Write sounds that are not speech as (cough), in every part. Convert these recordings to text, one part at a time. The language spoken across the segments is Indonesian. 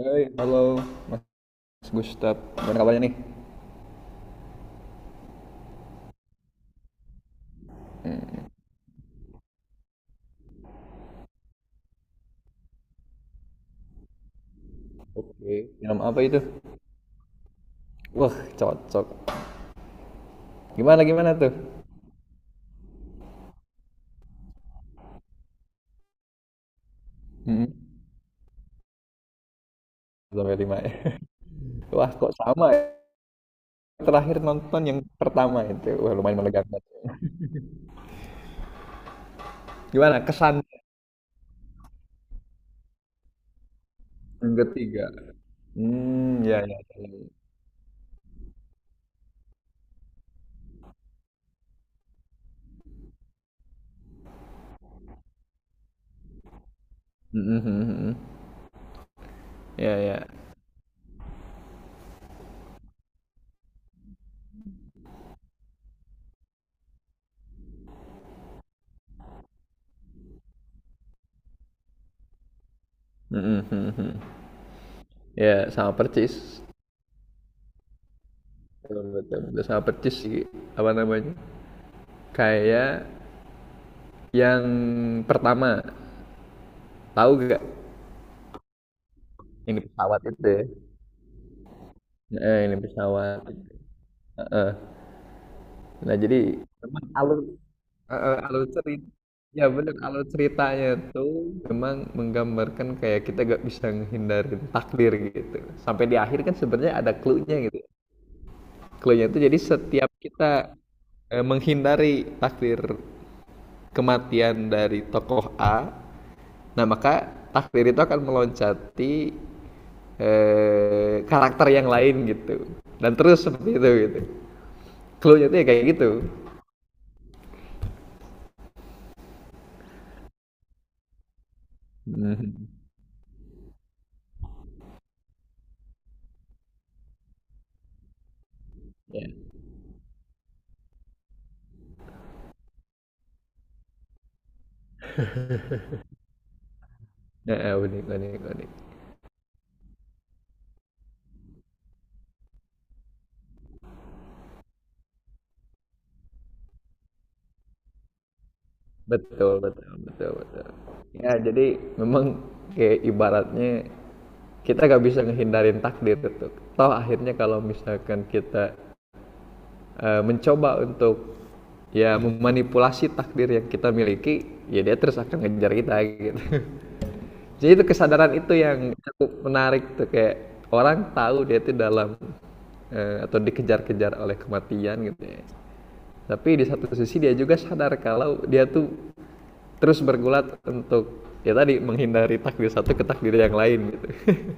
Hai, halo Mas Gustaf. Gimana kabarnya nih? Oke. Minum apa itu? Wah, cocok. Gimana gimana tuh? mm Sampai lima ya. (laughs) Wah, kok sama ya? Terakhir nonton yang pertama itu. Wah, lumayan melegakan. Gimana kesan yang ketiga? Hmm, ya ya. Ya, mm-mm, mm ya. Ya. Mm-mm, mm. Ya, sama percis. Betul, betul, betul. Sama percis sih. Apa namanya? Kayak yang pertama. Tahu gak? Yang di pesawat itu ya. Ini pesawat. Heeh. Nah, jadi memang alur heeh, alur cerita ya benar alur ceritanya tuh memang menggambarkan kayak kita gak bisa menghindarin takdir gitu. Sampai di akhir kan sebenarnya ada clue-nya gitu. Clue-nya tuh jadi setiap kita menghindari takdir kematian dari tokoh A, nah maka takdir itu akan meloncati karakter yang lain gitu. Dan terus seperti itu gitu. Clue-nya tuh ya kayak gitu. Mhm, ya, heeh, unik unik unik. Betul betul betul betul. Ya, jadi memang kayak ibaratnya kita gak bisa ngehindarin takdir itu. Toh akhirnya kalau misalkan kita, mencoba untuk, ya memanipulasi takdir yang kita miliki, ya dia terus akan ngejar kita gitu. (laughs) Jadi itu kesadaran itu yang cukup menarik tuh kayak orang tahu dia itu dalam, atau dikejar-kejar oleh kematian gitu ya. Tapi di satu sisi dia juga sadar kalau dia tuh terus bergulat untuk ya tadi menghindari takdir satu ke takdir yang lain gitu. (laughs)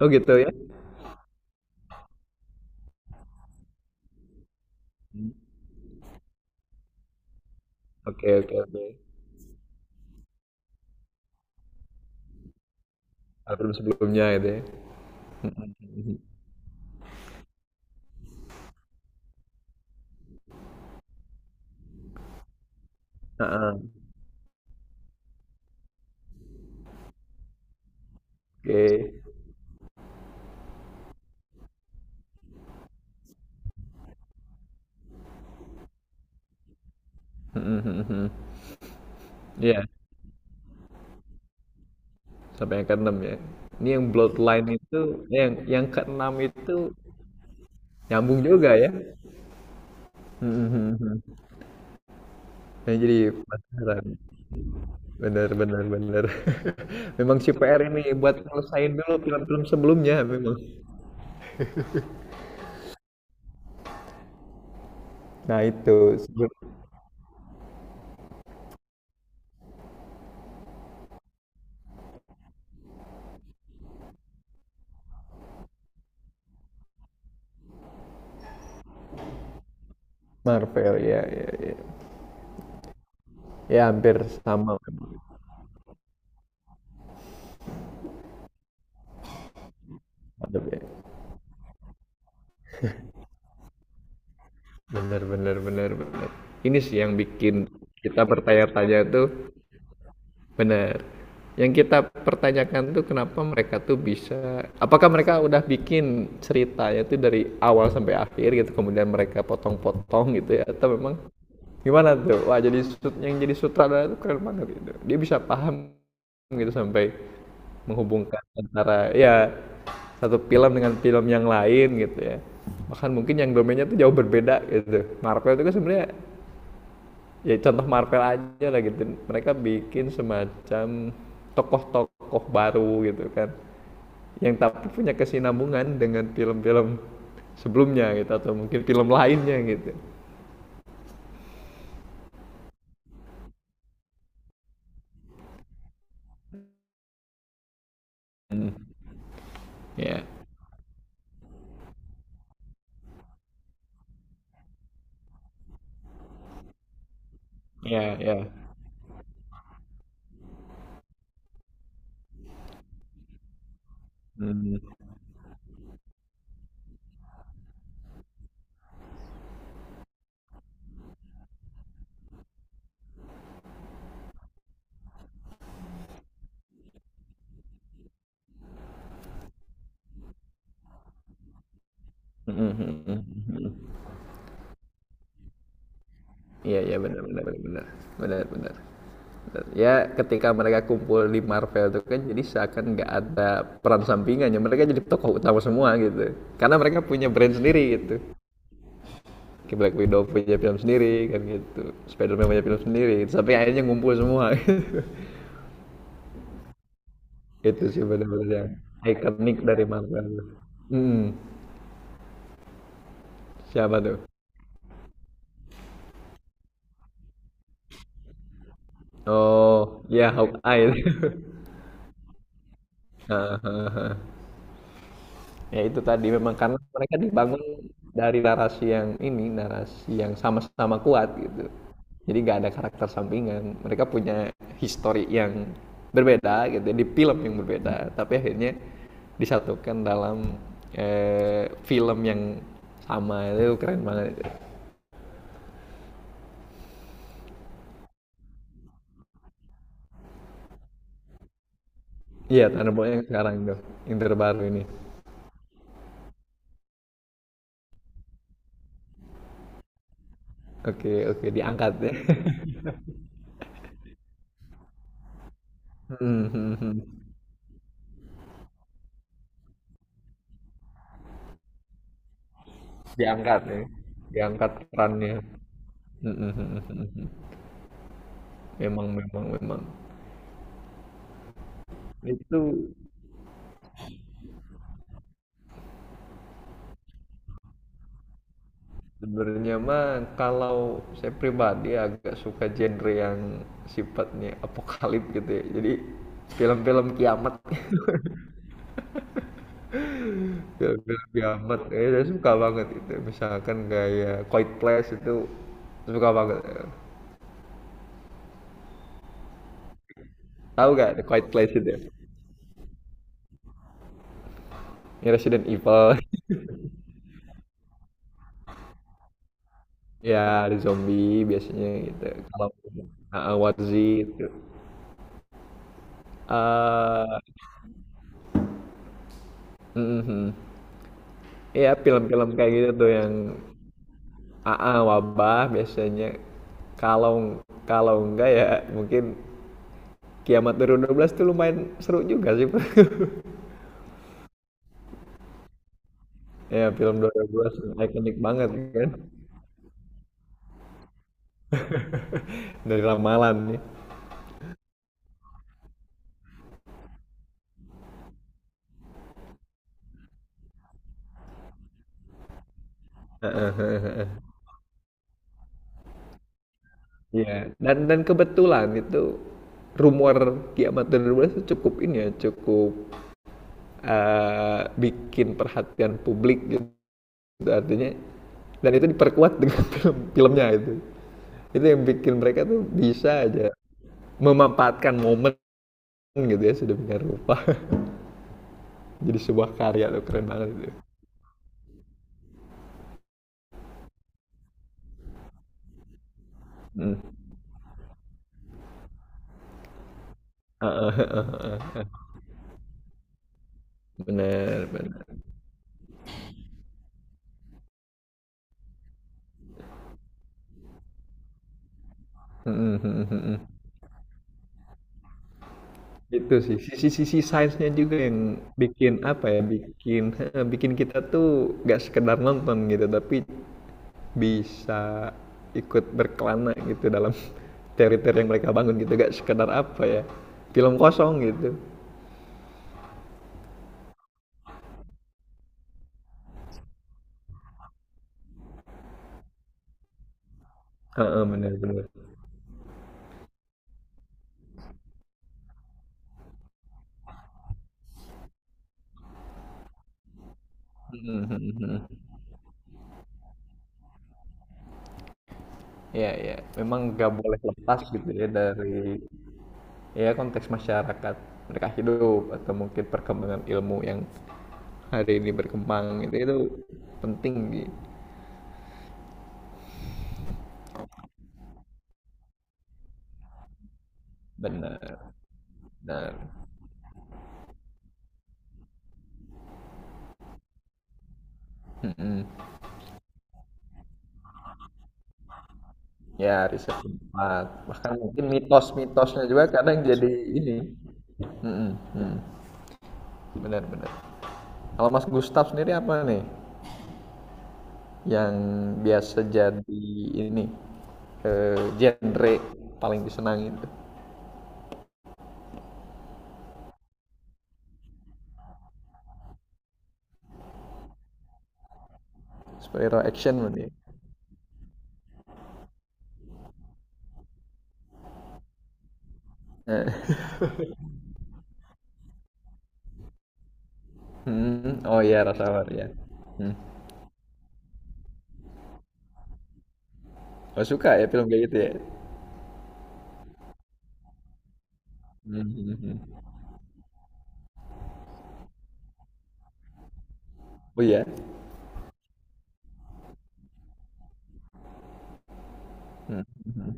Oh gitu ya? Hmm. Oke oke oke. Album sebelumnya gitu ya. Mhm. Heeh, oke. (laughs) Mhm, mhm, mhm. Iya, sampai yang keenam ya. Ini yang Bloodline itu yang keenam itu nyambung juga ya. (laughs) Mhm, mhm, mhm. Nah, jadi penasaran. Benar benar benar. (laughs) Memang si PR ini buat ngelesain dulu film-film sebelumnya memang. Nah itu sebelum Marvel ya ya ya. Ya hampir sama memang. Ada be- Benar benar benar benar. Ini sih yang bikin kita bertanya-tanya tuh benar. Yang kita pertanyakan tuh kenapa mereka tuh bisa, apakah mereka udah bikin ceritanya tuh dari awal sampai akhir gitu, kemudian mereka potong-potong gitu ya, atau memang gimana tuh? Wah jadi sut- yang jadi sutradara tuh keren banget gitu. Dia bisa paham gitu sampai menghubungkan antara ya satu film dengan film yang lain gitu ya. Bahkan mungkin yang domainnya tuh jauh berbeda gitu. Marvel itu kan sebenarnya ya contoh Marvel aja lah gitu mereka bikin semacam tokoh-tokoh baru gitu kan yang tapi punya kesinambungan dengan film-film sebelumnya gitu atau mungkin film lainnya gitu ya ya ya. Hmm. (laughs) Iya iya benar benar benar benar benar benar. Benar. Ya ketika mereka kumpul di Marvel itu kan jadi seakan nggak ada peran sampingannya mereka jadi tokoh utama semua gitu karena mereka punya brand sendiri gitu. Kayak Black Widow punya film sendiri kan gitu. Spider-Man punya film sendiri gitu, sampai akhirnya ngumpul semua gitu. (laughs) Itu sih bener-bener yang ikonik dari Marvel. Hmm, siapa tuh? Oh ya, Hawkeye. (laughs) Heeh, heeh, heeh. Ya itu tadi memang karena mereka dibangun dari narasi yang sama-sama kuat gitu. Jadi nggak ada karakter sampingan. Mereka punya histori yang berbeda gitu, di film yang berbeda, tapi akhirnya disatukan dalam film yang sama itu keren banget itu. Iya, Thunderbolt yang sekarang tuh, yang terbaru ini. Oke, oke, diangkat ya. (laughs) Hmm, hmm, hmm. Diangkat ya, diangkat perannya. Hmm, hmm, hmm, hmm, hmm. Memang memang memang. Itu sebenarnya mah kalau saya pribadi agak suka genre yang sifatnya apokalip gitu ya. Jadi film-film kiamat, (laughs) saya suka banget itu. Misalkan kayak Quiet Place itu suka banget. Tahu gak The Quiet Place itu? Ini Resident Evil. (laughs) Ya, ada zombie biasanya gitu. Kalau Warzy itu. eh mhm. Iya, film-film kayak gitu tuh yang wabah biasanya kalau kalau enggak ya mungkin Kiamat dua dua ribu dua belas tuh lumayan seru juga sih. (laughs) Ya film 2012 ikonik banget kan. (laughs) Dari ramalan nih. (laughs) Ya dan kebetulan itu rumor kiamat dua dua ribu dua belas itu cukup ini ya, cukup bikin perhatian publik gitu. Artinya dan itu diperkuat dengan (laughs) film filmnya itu. Itu yang bikin mereka tuh bisa aja memanfaatkan momen gitu ya sudah punya rupa. (laughs) Jadi sebuah karya tuh keren banget itu. Hmm. Heeh, heeh, heeh, heeh. Bener bener. Hmm, hmm, hmm, hmm. Itu sih sisi-sisi sainsnya juga yang bikin apa ya bikin heeh, bikin kita tuh nggak sekedar nonton gitu tapi bisa ikut berkelana gitu dalam (laughs) teori-teori yang mereka bangun gitu gak sekedar apa ya film kosong gitu. Heeh, bener bener. Hmm, hmm, hmm, hmm. Ya, ya, memang nggak boleh lepas gitu ya dari ya konteks masyarakat mereka hidup atau mungkin perkembangan ilmu yang hari ini berkembang itu penting gitu. Benar, benar. Mm-mm. Ya riset tempat bahkan mungkin mitos-mitosnya juga kadang jadi ini. Mm-mm, mm. Benar, benar. Kalau Mas Gustaf sendiri apa nih yang biasa jadi ini genre paling disenangi itu? Superhero action berarti, ya? Eh, (laughs) hmm, oh iya Rush Hour ya. Hmm. Oh suka ya film kayak gitu ya. Hmm, hmm, hmm, hmm. Oh iya. Hmm, hmm, hmm.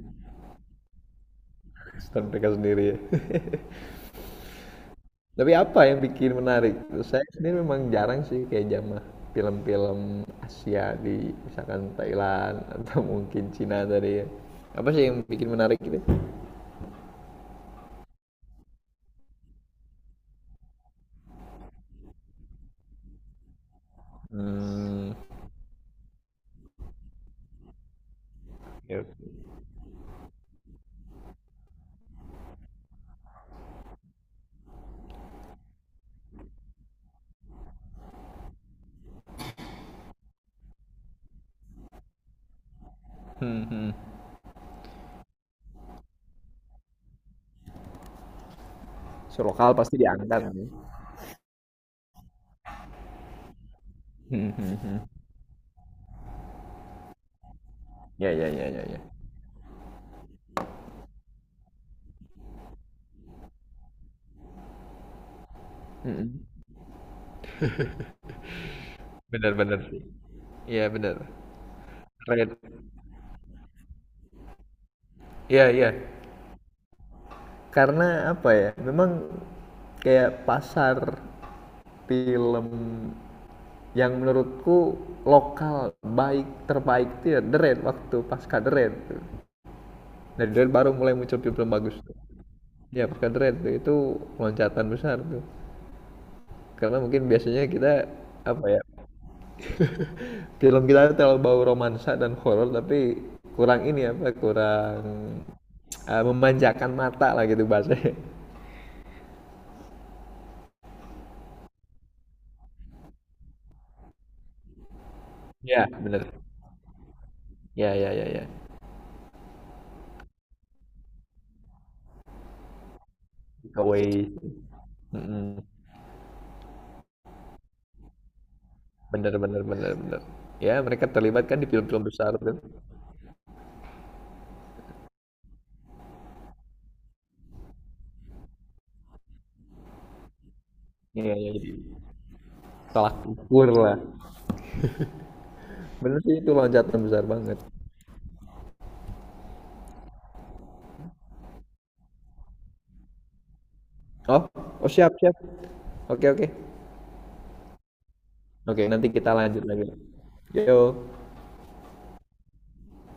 Star mereka sendiri ya. (laughs) Tapi apa yang bikin menarik? Saya sendiri memang jarang sih kayak jamah film-film Asia di misalkan Thailand (laughs) atau mungkin Cina tadi ya. Apa sih yang bikin menarik gitu? Hmm, ya. Hmm, hmm. So, lokal pasti diangkat ya. Hmm, hmm, hmm. Ya ya ya ya ya. Hmm, hmm. Benar-benar sih. Iya benar. Keren. Iya, iya. Karena apa ya? Memang kayak pasar film yang menurutku lokal baik terbaik itu ya The Raid waktu pasca The Raid tuh. Dari The Raid baru mulai muncul film bagus tuh. Ya pasca The Raid tuh itu loncatan besar tuh. Karena mungkin biasanya kita apa ya film kita terlalu bau romansa dan horor tapi kurang ini apa kurang memanjakan mata lah gitu bahasanya. Iya, bener. Ya, ya, ya, ya. Giveaway. Mm-mm. Bener, bener, bener, bener. Ya, mereka terlibat kan di film-film besar kan. Iya, iya, jadi tolak ukur lah. Bener sih itu loncatan besar banget. Oh, oh siap, siap. Oke, oke. Oke, nanti kita lanjut lagi. Yo.